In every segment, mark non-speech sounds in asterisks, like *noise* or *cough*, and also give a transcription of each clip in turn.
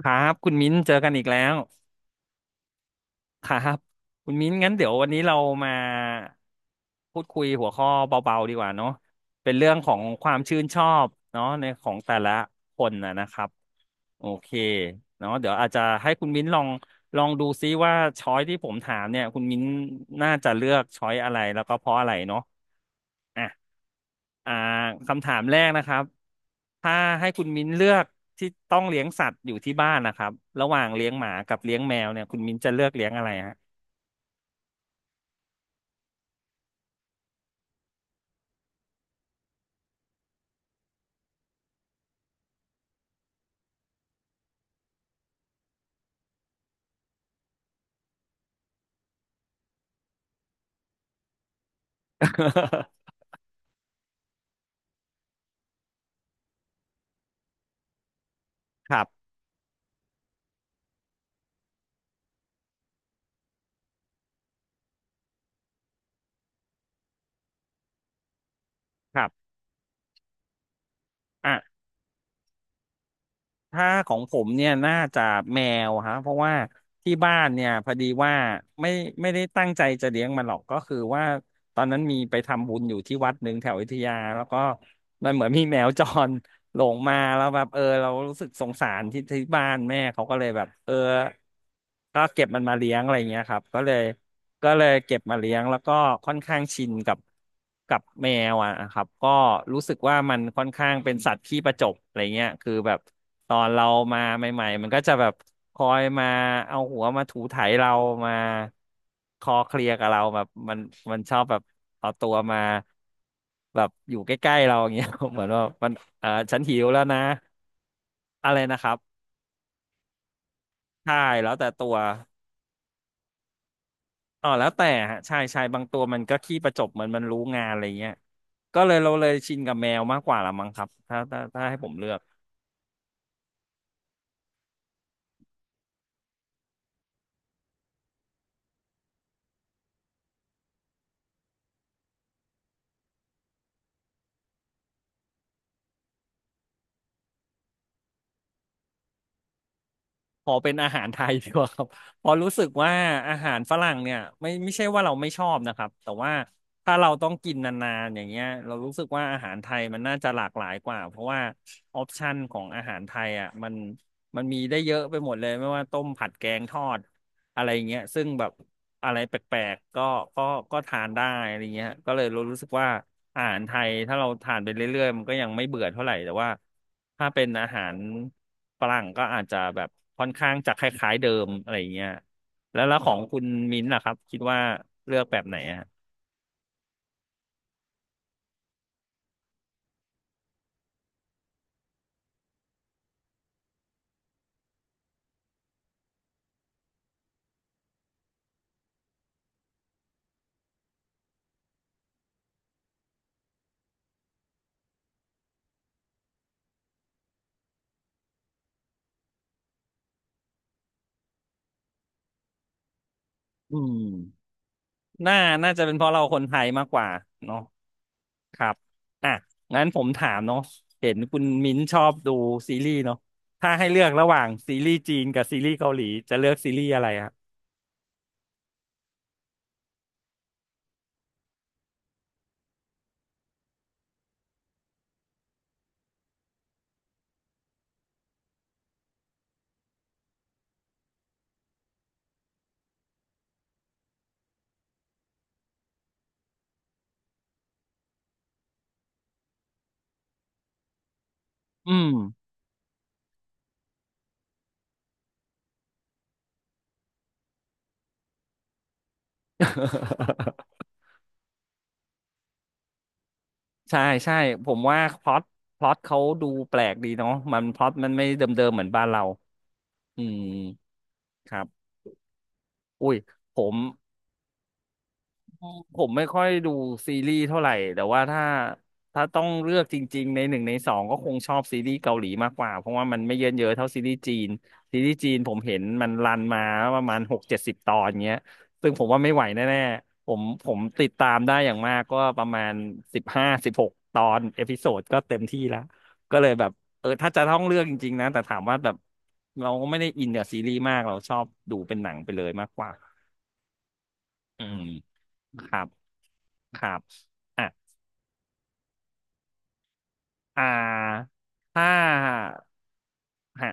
ครับคุณมิ้นเจอกันอีกแล้วครับคุณมิ้นงั้นเดี๋ยววันนี้เรามาพูดคุยหัวข้อเบาๆดีกว่าเนาะเป็นเรื่องของความชื่นชอบเนาะในของแต่ละคนนะนะครับโอเคเนาะเดี๋ยวอาจจะให้คุณมิ้นลองดูซิว่าช้อยที่ผมถามเนี่ยคุณมิ้นน่าจะเลือกช้อยอะไรแล้วก็เพราะอะไรเนาะ อ่ะอ่าคำถามแรกนะครับ ถ้าให้คุณมิ้นเลือกที่ต้องเลี้ยงสัตว์อยู่ที่บ้านนะครับระหว่างเลี้ยงหมากับเลี้ยงแมวเนี่ยคุณมิ้นจะเลือกเลี้ยงอะไรฮะ *laughs* ครับครับอ่ะถ้าของผมเนี่ยน่าจะแมวฮะเพราะว่าที่บ้านเนี่ยพอดีว่าไม่ไม่ได้ตั้งใจจะเลี้ยงมันหรอกก็คือว่าตอนนั้นมีไปทำบุญอยู่ที่วัดหนึ่งแถวอยุธยาแล้วก็มันเหมือนมีแมวจร หลงมาแล้วแบบเออเรารู้สึกสงสารที่บ้านแม่เขาก็เลยแบบเออก็เก็บมันมาเลี้ยงอะไรเงี้ยครับก็เลยเก็บมาเลี้ยงแล้วก็ค่อนข้างชินกับแมวอ่ะครับก็รู้สึกว่ามันค่อนข้างเป็นสัตว์ขี้ประจบอะไรเงี้ยคือแบบตอนเรามาใหม่ๆมันก็จะแบบคอยมาเอาหัวมาถูไถเรามาคอเคลียร์กับเราแบบมันชอบแบบเอาตัวมาแบบอยู่ใกล้ๆเราอย่างเงี้ย *laughs* เหมือนว่ามัน อ่าฉันหิวแล้วนะอะไรนะครับใช่แล้วแต่ตัวอ๋อแล้วแต่ฮะใช่ใช่บางตัวมันก็ขี้ประจบเหมือนมันรู้งานอะไรเงี้ยก็เลยเราเลยชินกับแมวมากกว่าละมั้งครับถ้าให้ผมเลือก ขอเป็นอาหารไทยดีกว่าครับ *laughs* เพราะรู้สึกว่าอาหารฝรั่งเนี่ยไม่ใช่ว่าเราไม่ชอบนะครับแต่ว่าถ้าเราต้องกินนานๆอย่างเงี้ยเรารู้สึกว่าอาหารไทยมันน่าจะหลากหลายกว่าเพราะว่าออปชันของอาหารไทยอ่ะมันมีได้เยอะไปหมดเลยไม่ว่าต้มผัดแกงทอดอะไรเงี้ยซึ่งแบบอะไรแปลกๆก็ก็ทานได้อะไรเงี้ยก็เลยรู้สึกว่า อาหารไทยถ้าเราทานไปเรื่อยๆมันก็ยังไม่เบื่อเท่าไหร่แต่ว่าถ้าเป็นอาหารฝรั่งก็อาจจะแบบค่อนข้างจะคล้ายๆเดิมอะไรอย่างเงี้ยแล้วของคุณมิ้นท์ล่ะครับคิดว่าเลือกแบบไหนอะอืมน่าน่าจะเป็นเพราะเราคนไทยมากกว่าเนาะครับอ่ะงั้นผมถามเนาะเห็นคุณมิ้นท์ชอบดูซีรีส์เนาะถ้าให้เลือกระหว่างซีรีส์จีนกับซีรีส์เกาหลีจะเลือกซีรีส์อะไรอะอืม *laughs* ใช่ใช่ผมว่าพล็อตเขาดูแปลกดีเนาะมันพล็อตมันไม่เดิมๆเหมือนบ้านเราอืมครับอุ้ยผม ผมไม่ค่อยดูซีรีส์เท่าไหร่แต่ว่าถ้าต้องเลือกจริงๆในหนึ่งในสองก็คงชอบซีรีส์เกาหลีมากกว่าเพราะว่ามันไม่เยินเยอะเท่าซีรีส์จีนซีรีส์จีนผมเห็นมันรันมาประมาณ60-70 ตอนเงี้ยซึ่งผมว่าไม่ไหวแน่ๆผมติดตามได้อย่างมากก็ประมาณ15-16 ตอนเอพิโซดก็เต็มที่ละก็เลยแบบเออถ้าจะต้องเลือกจริงๆนะแต่ถามว่าแบบเราก็ไม่ได้อินกับซีรีส์มากเราชอบดูเป็นหนังไปเลยมากกว่าอืมครับ ครับอ่ะอ่าถ้าฮะ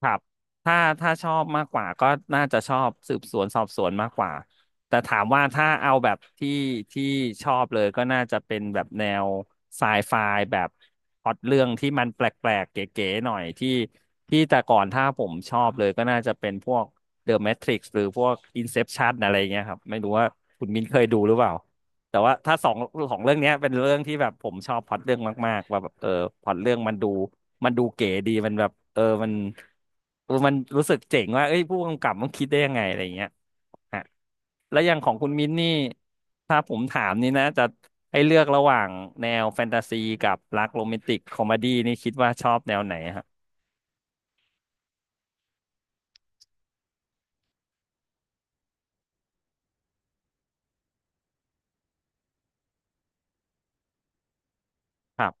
ครับถ้าถ้าชอบมากกว่าก็น่าจะชอบสืบสวนสอบสวนมากกว่า แต่ถามว่าถ้าเอาแบบที่ชอบเลยก็น่าจะเป็นแบบแนวไซไฟแบบพล็อตเรื่องที่มันแปลกๆ เก๋ๆหน่อยที่ที่แต่ก่อนถ้าผมชอบเลยก็น่าจะเป็นพวก The Matrix หรือพวก Inception อะไรเงี้ยครับไม่รู้ว่าคุณมินเคยดูหรือเปล่า แต่ว่าถ้าสองของเรื่องเนี้ยเป็นเรื่องที่แบบผมชอบพล็อตเรื่องมากๆว่าแบบเออพล็อตเรื่องมันดูเก๋ดีมันแบบเออมันเออมันรู้สึกเจ๋งว่าเอ้ยผู้กำกับมันคิดได้ยังไงอะไรอย่างเงี้ยฮะแล้วอย่างของคุณมิ้นนี่ถ้าผมถามนี่นะจะให้เลือกระหว่างแนวแฟนตาซีกับรักโรแมนติกคอมดี้นี่คิดว่าชอบแนวไหนฮะครับ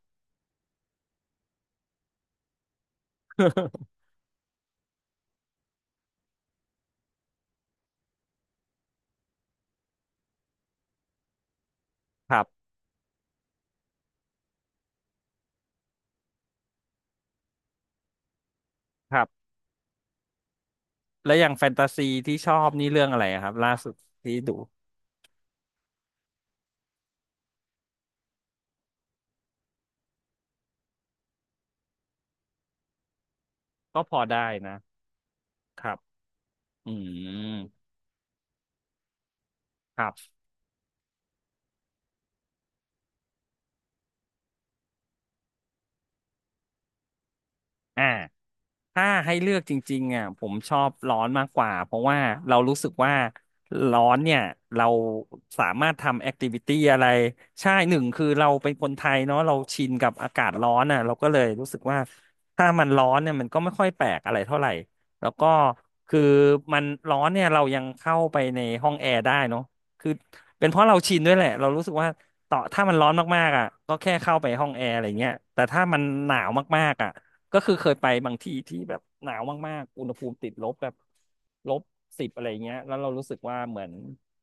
*laughs* ครับครับแล้วอย่างแฟนตาซีที่ชอบนี่เรื่องอะไรอะครับล่าสุดที่ดูก็พอได้นะครับอืมครับ อ่าถ้าให้เลือกจริงๆอ่ะผมชอบร้อนมากกว่าเพราะว่าเรารู้สึกว่าร้อนเนี่ยเราสามารถทำแอคทิวิตี้อะไรใช่หนึ่งคือเราเป็นคนไทยเนาะเราชินกับอากาศร้อนอ่ะเราก็เลยรู้สึกว่าถ้ามันร้อนเนี่ยมันก็ไม่ค่อยแปลกอะไรเท่าไหร่แล้วก็คือมันร้อนเนี่ยเรายังเข้าไปในห้องแอร์ได้เนาะคือเป็นเพราะเราชินด้วยแหละเรารู้สึกว่าต่อถ้ามันร้อนมากๆอ่ะก็แค่เข้าไปห้องแอร์อะไรเงี้ยแต่ถ้ามันหนาวมากๆอ่ะ ก็คือเคยไปบางที่ที่แบบหนาวมากๆอุณหภูมิติดลบแบบลบ10อะไรเงี้ยแล้วเรารู้สึกว่าเหมือน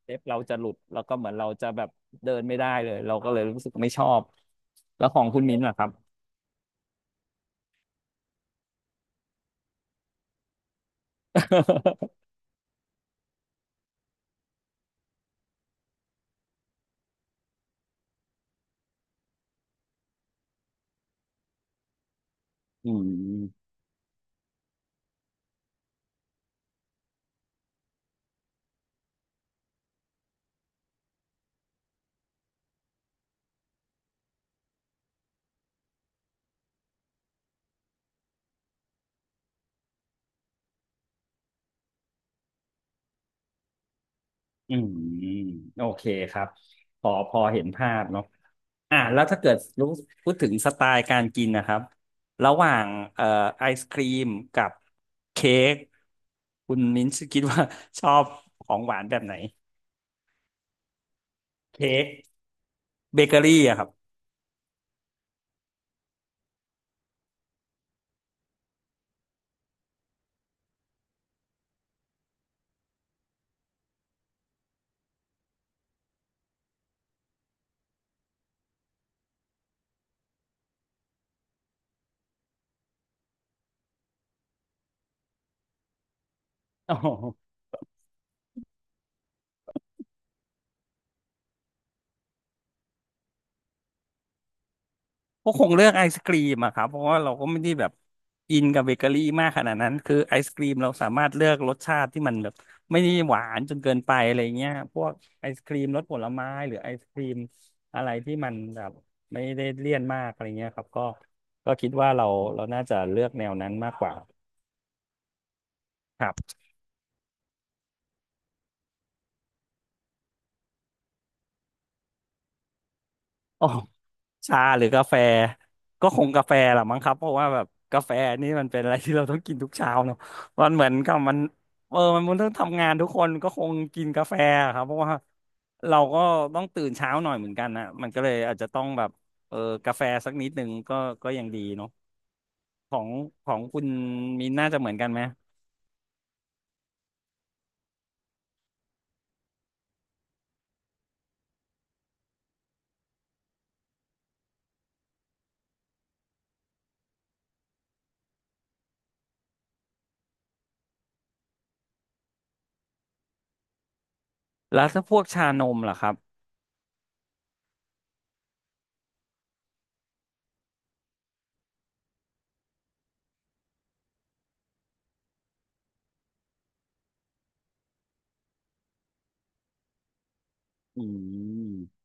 เล็บเราจะหลุดแล้วก็เหมือนเราจะแบบเดินไม่ได้เลยเราก็เลยรู้สึกไม่ชอบแล้วของคุณมิ้นท์ล่ะครับ *laughs* อืมอืมโอเคครับพอพอเห็นภาพเนาะอ่ะแล้วถ้าเกิดรู้พูดถึงสไตล์การกินนะครับระหว่างเอ่อไอศครีมกับเค้กคุณมิ้นท์คิดว่า *laughs* ชอบของหวานแบบไหน เค้กเบเกอรี่อะครับโอ้โหก็คงเลือกไอศกรีมอะครับเพราะว่าเราก็ไม่ได้แบบอินกับเบเกอรี่มากขนาดนั้น คือไอศกรีมเราสามารถเลือกรสชาติที่มันแบบไม่ได้หวานจนเกินไปอะไรเงี้ยพวกไอศกรีมรสผลไม้หรือไอศกรีมอะไรที่มันแบบไม่ได้เลี่ยนมากอะไรเงี้ยครับก็คิดว่าเราน่าจะเลือกแนวนั้นมากกว่า โอ้ชาหรือกาแฟก็คงกาแฟแหละมั้งครับเพราะว่าแบบกาแฟนี่มันเป็นอะไรที่เราต้องกินทุกเช้าเนอะมันเหมือนกับมันมันต้องทำงานทุกคนก็คงกินกาแฟอะครับเพราะว่าเราก็ต้องตื่นเช้าหน่อยเหมือนกันนะมันก็เลยอาจจะต้องแบบเออกาแฟสักนิดหนึ่งก็ยังดีเนาะของคุณมินน่าจะเหมือนกันไหมแล้วถ้าพวกชานมล่ะครับอืม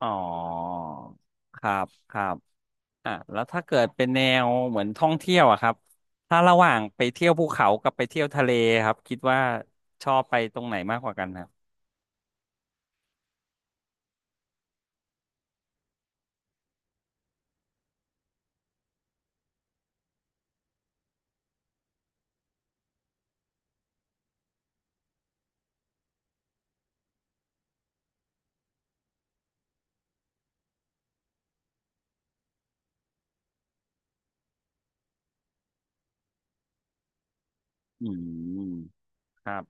อ๋อครับครับ อ่ะแล้วถ้าเกิดเป็นแนวเหมือนท่องเที่ยวอะครับถ้าระหว่างไปเที่ยวภูเขากับไปเที่ยวทะเลครับคิดว่าชอบไปตรงไหนมากกว่ากันครับอืมครับ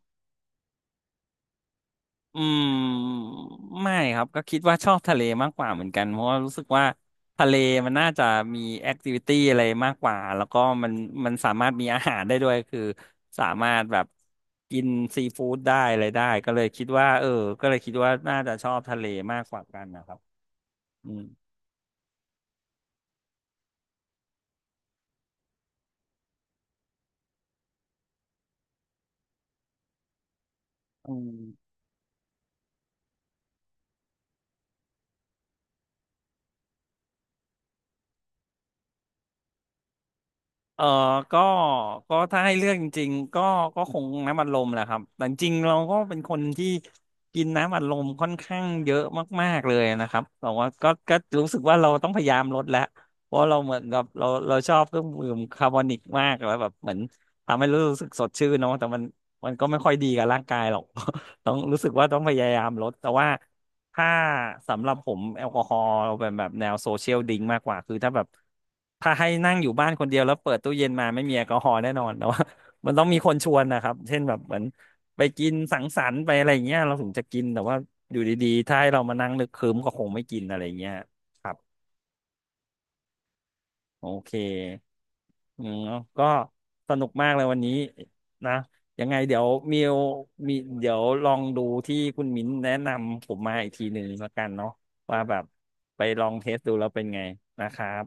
อืมไม่ครับก็คิดว่าชอบทะเลมากกว่าเหมือนกันเพราะว่ารู้สึกว่าทะเลมันน่าจะมีแอคทิวิตี้อะไรมากกว่าแล้วก็มันสามารถมีอาหารได้ด้วยคือสามารถแบบกินซีฟู้ดได้อะไรได้ก็เลยคิดว่าเออก็เลยคิดว่าน่าจะชอบทะเลมากกว่ากันนะครับอืมอืม เออก็ถ้าให้เลือกจริงๆก็คงน้ำอัดลมแหละครับแต่จริงๆเราก็เป็นคนที่กินน้ำอัดลมค่อนข้างเยอะมากๆเลยนะครับแต่ว่าก็รู้สึกว่าเราต้องพยายามลดแล้วเพราะเราเหมือนกับเราชอบเครื่องดื่มคาร์บอนิกมากแล้วแบบเหมือนทำให้รู้สึกสดชื่นเนาะแต่มันก็ไม่ค่อยดีกับร่างกายหรอก *laughs* ต้องรู้สึกว่าต้องพยายามลดแต่ว่า ถ้าสำหรับผมแอลกอฮอล์เป็นแบบแนวโซเชียลดริงก์มากกว่าคือถ้าแบบถ้าให้นั่งอยู่บ้านคนเดียวแล้วเปิดตู้เย็นมาไม่มีแอลกอฮอล์แน่นอนแต่ว่า *laughs* มันต้องมีคนชวนนะครับเช่นแบบเหมือนไปกินสังสรรค์ไปอะไรอย่างเงี้ยเราถึงจะกินแต่ว่าอยู่ดีๆถ้าให้เรามานั่งนึกครึ้มก็คงไม่กินอะไรอย่างเงี้ยครับโอเค อืมก็สนุกมากเลยวันนี้นะยังไงเดี๋ยวมิวมีเดี๋ยวลองดูที่คุณมิ้นแนะนำผมมาอีกทีหนึ่งแล้วกันเนาะว่าแบบไปลองเทสดูแล้วเป็นไงนะครับ